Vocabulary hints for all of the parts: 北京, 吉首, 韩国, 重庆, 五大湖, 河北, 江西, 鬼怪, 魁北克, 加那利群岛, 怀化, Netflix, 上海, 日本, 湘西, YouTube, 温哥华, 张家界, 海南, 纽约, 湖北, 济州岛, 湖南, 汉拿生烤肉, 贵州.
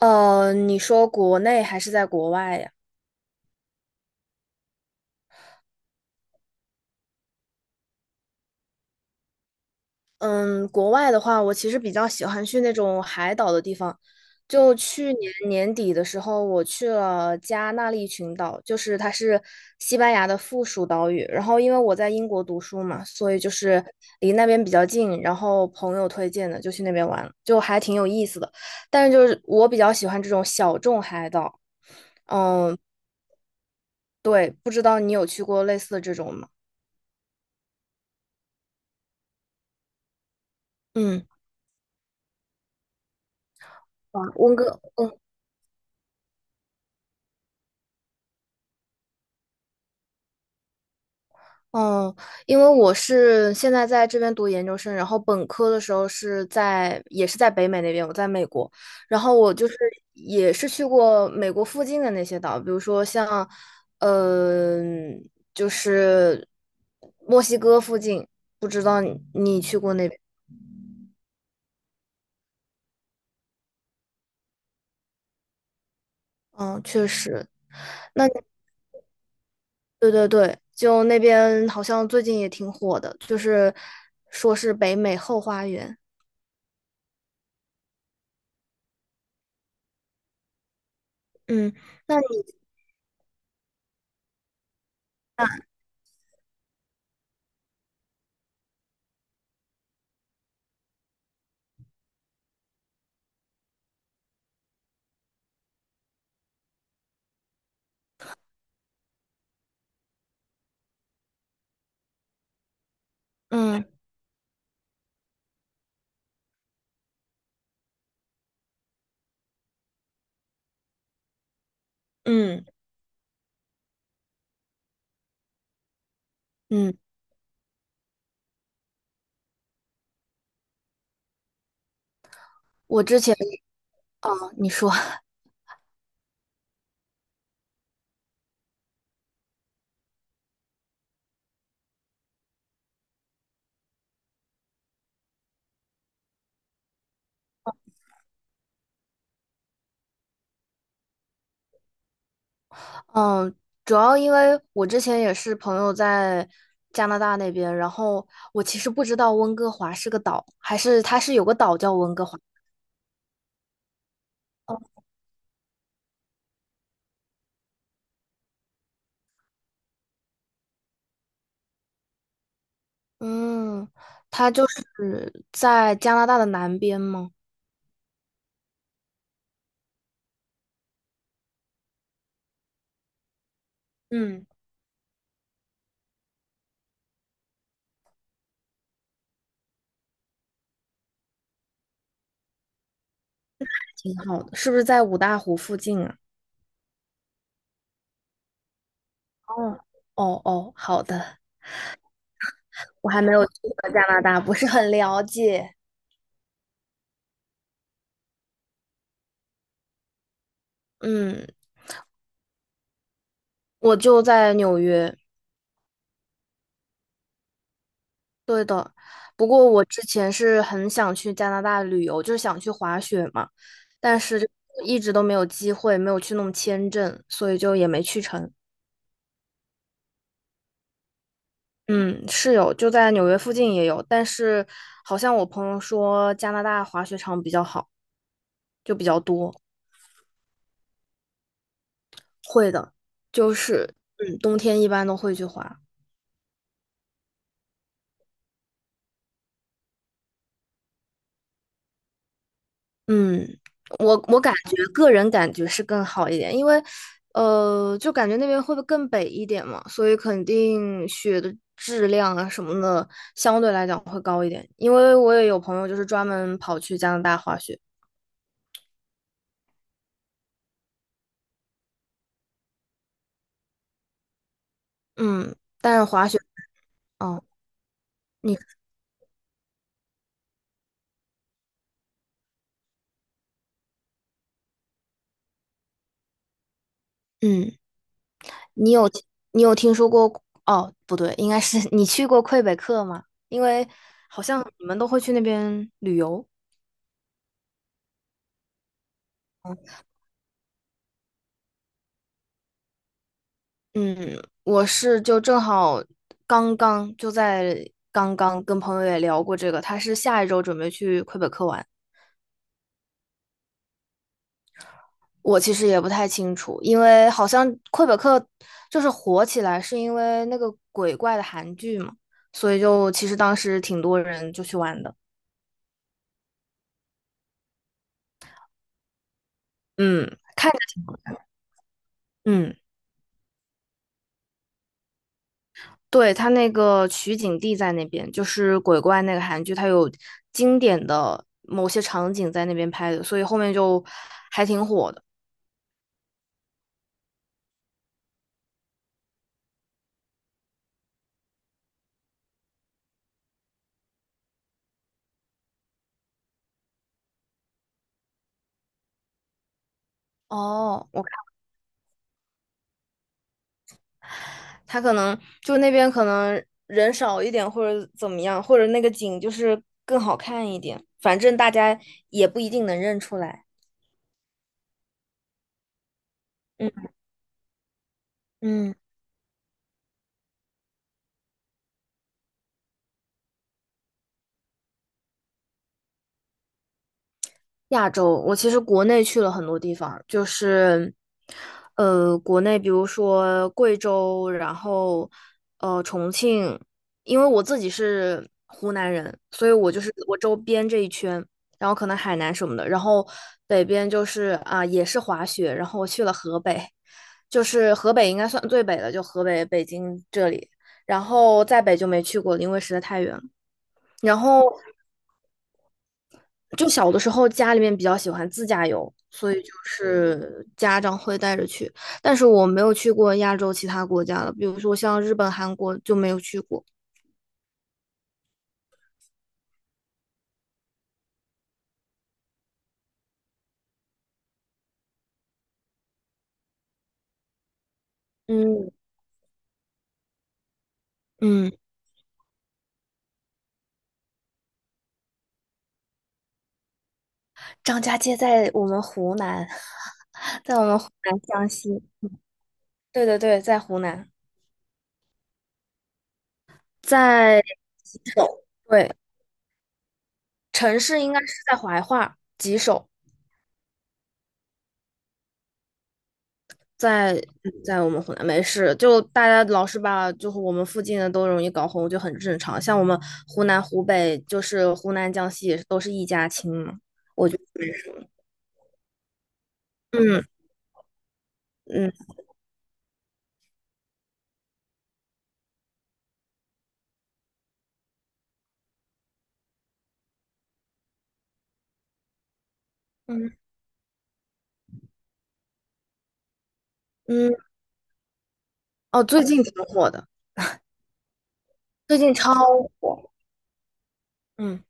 你说国内还是在国外呀？嗯，国外的话，我其实比较喜欢去那种海岛的地方。就去年年底的时候，我去了加那利群岛，就是它是西班牙的附属岛屿。然后因为我在英国读书嘛，所以就是离那边比较近，然后朋友推荐的就去那边玩，就还挺有意思的。但是就是我比较喜欢这种小众海岛。嗯，对，不知道你有去过类似的这种吗？嗯。啊，温哥，嗯哦，因为我是现在在这边读研究生，然后本科的时候也是在北美那边，我在美国，然后我就是也是去过美国附近的那些岛，比如说像，就是墨西哥附近，不知道你去过那边？嗯，确实，那对对对，就那边好像最近也挺火的，就是说是北美后花园。嗯，那你嗯嗯。嗯我之前，哦，你说，嗯，主要因为我之前也是朋友在加拿大那边，然后我其实不知道温哥华是个岛，还是它是有个岛叫温哥华。嗯，它就是在加拿大的南边吗？嗯，挺好的，是不是在五大湖附近啊？哦，哦哦，好的，我还没有去过加拿大，不是很了解。嗯，我就在纽约，对的，不过我之前是很想去加拿大旅游，就是想去滑雪嘛，但是就一直都没有机会，没有去弄签证，所以就也没去成。嗯，是有，就在纽约附近也有，但是好像我朋友说加拿大滑雪场比较好，就比较多。会的，就是冬天一般都会去滑。嗯，我感觉个人感觉是更好一点，因为，就感觉那边会不会更北一点嘛，所以肯定雪的质量啊什么的相对来讲会高一点。因为我也有朋友就是专门跑去加拿大滑雪，嗯，但是滑雪，哦，你，嗯，你有你有听说过？哦，不对，应该是 你去过魁北克吗？因为好像你们都会去那边旅游。嗯，我是就正好刚刚就在刚刚跟朋友也聊过这个，他是下一周准备去魁北克玩。我其实也不太清楚，因为好像魁北克就是火起来是因为那个鬼怪的韩剧嘛，所以就其实当时挺多人就去玩的。嗯嗯，对，他那个取景地在那边，就是鬼怪那个韩剧，他有经典的某些场景在那边拍的，所以后面就还挺火的。哦。他可能就那边可能人少一点，或者怎么样，或者那个景就是更好看一点。反正大家也不一定能认出来。嗯嗯。亚洲，我其实国内去了很多地方，就是，国内比如说贵州，然后重庆，因为我自己是湖南人，所以我就是我周边这一圈，然后可能海南什么的，然后北边就是也是滑雪，然后我去了河北，就是河北应该算最北的，就河北北京这里，然后再北就没去过了因为实在太远了。然后就小的时候家里面比较喜欢自驾游，所以就是家长会带着去，但是我没有去过亚洲其他国家了，比如说像日本、韩国就没有去过。嗯嗯，张家界在我们湖南，在我们湖南湘西。对对对，在湖南，在吉首。对，城市应该是在怀化，吉首。在在我们湖南没事，就大家老是把就是我们附近的都容易搞混，就很正常。像我们湖南、湖北，就是湖南、江西也是都是一家亲嘛。嗯嗯嗯嗯，哦，最近挺火的，最近超火。嗯，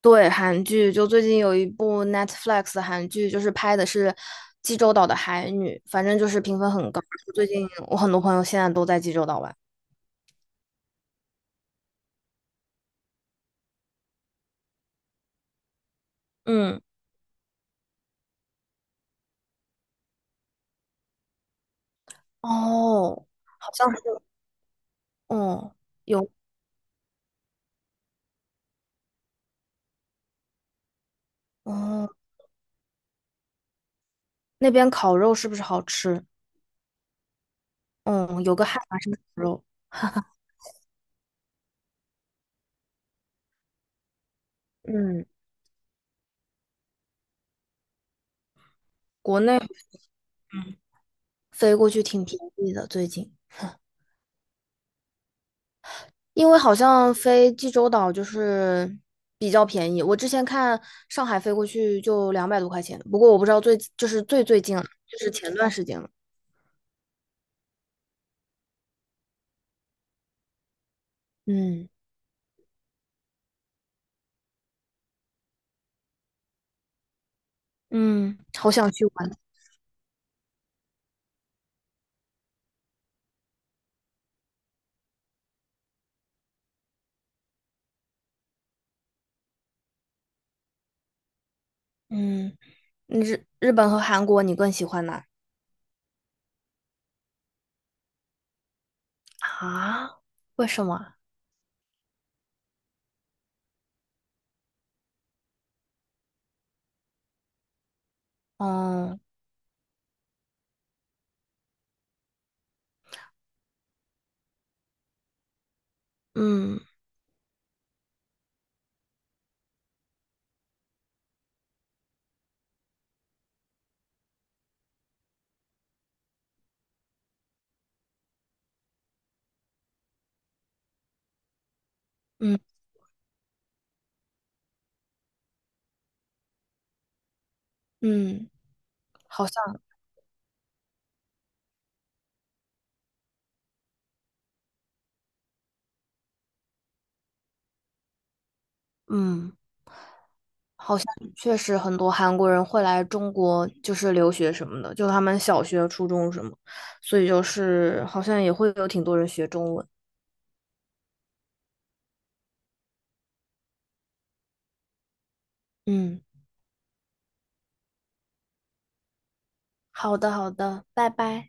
对，韩剧就最近有一部 Netflix 的韩剧，就是拍的是济州岛的海女，反正就是评分很高。最近我很多朋友现在都在济州岛玩。嗯，哦，好像是，哦，有，哦。那边烤肉是不是好吃？嗯，有个汉拿生烤肉，嗯，国内飞过去挺便宜的，最近，因为好像飞济州岛就是比较便宜。我之前看上海飞过去就200多块钱，不过我不知道最近了，就是前段时间了。嗯嗯，好想去玩。嗯，日本和韩国你更喜欢哪？啊？为什么？哦，嗯嗯嗯，好像，嗯。好像确实很多韩国人会来中国，就是留学什么的，就他们小学、初中什么，所以就是好像也会有挺多人学中文。嗯，好的，好的，拜拜。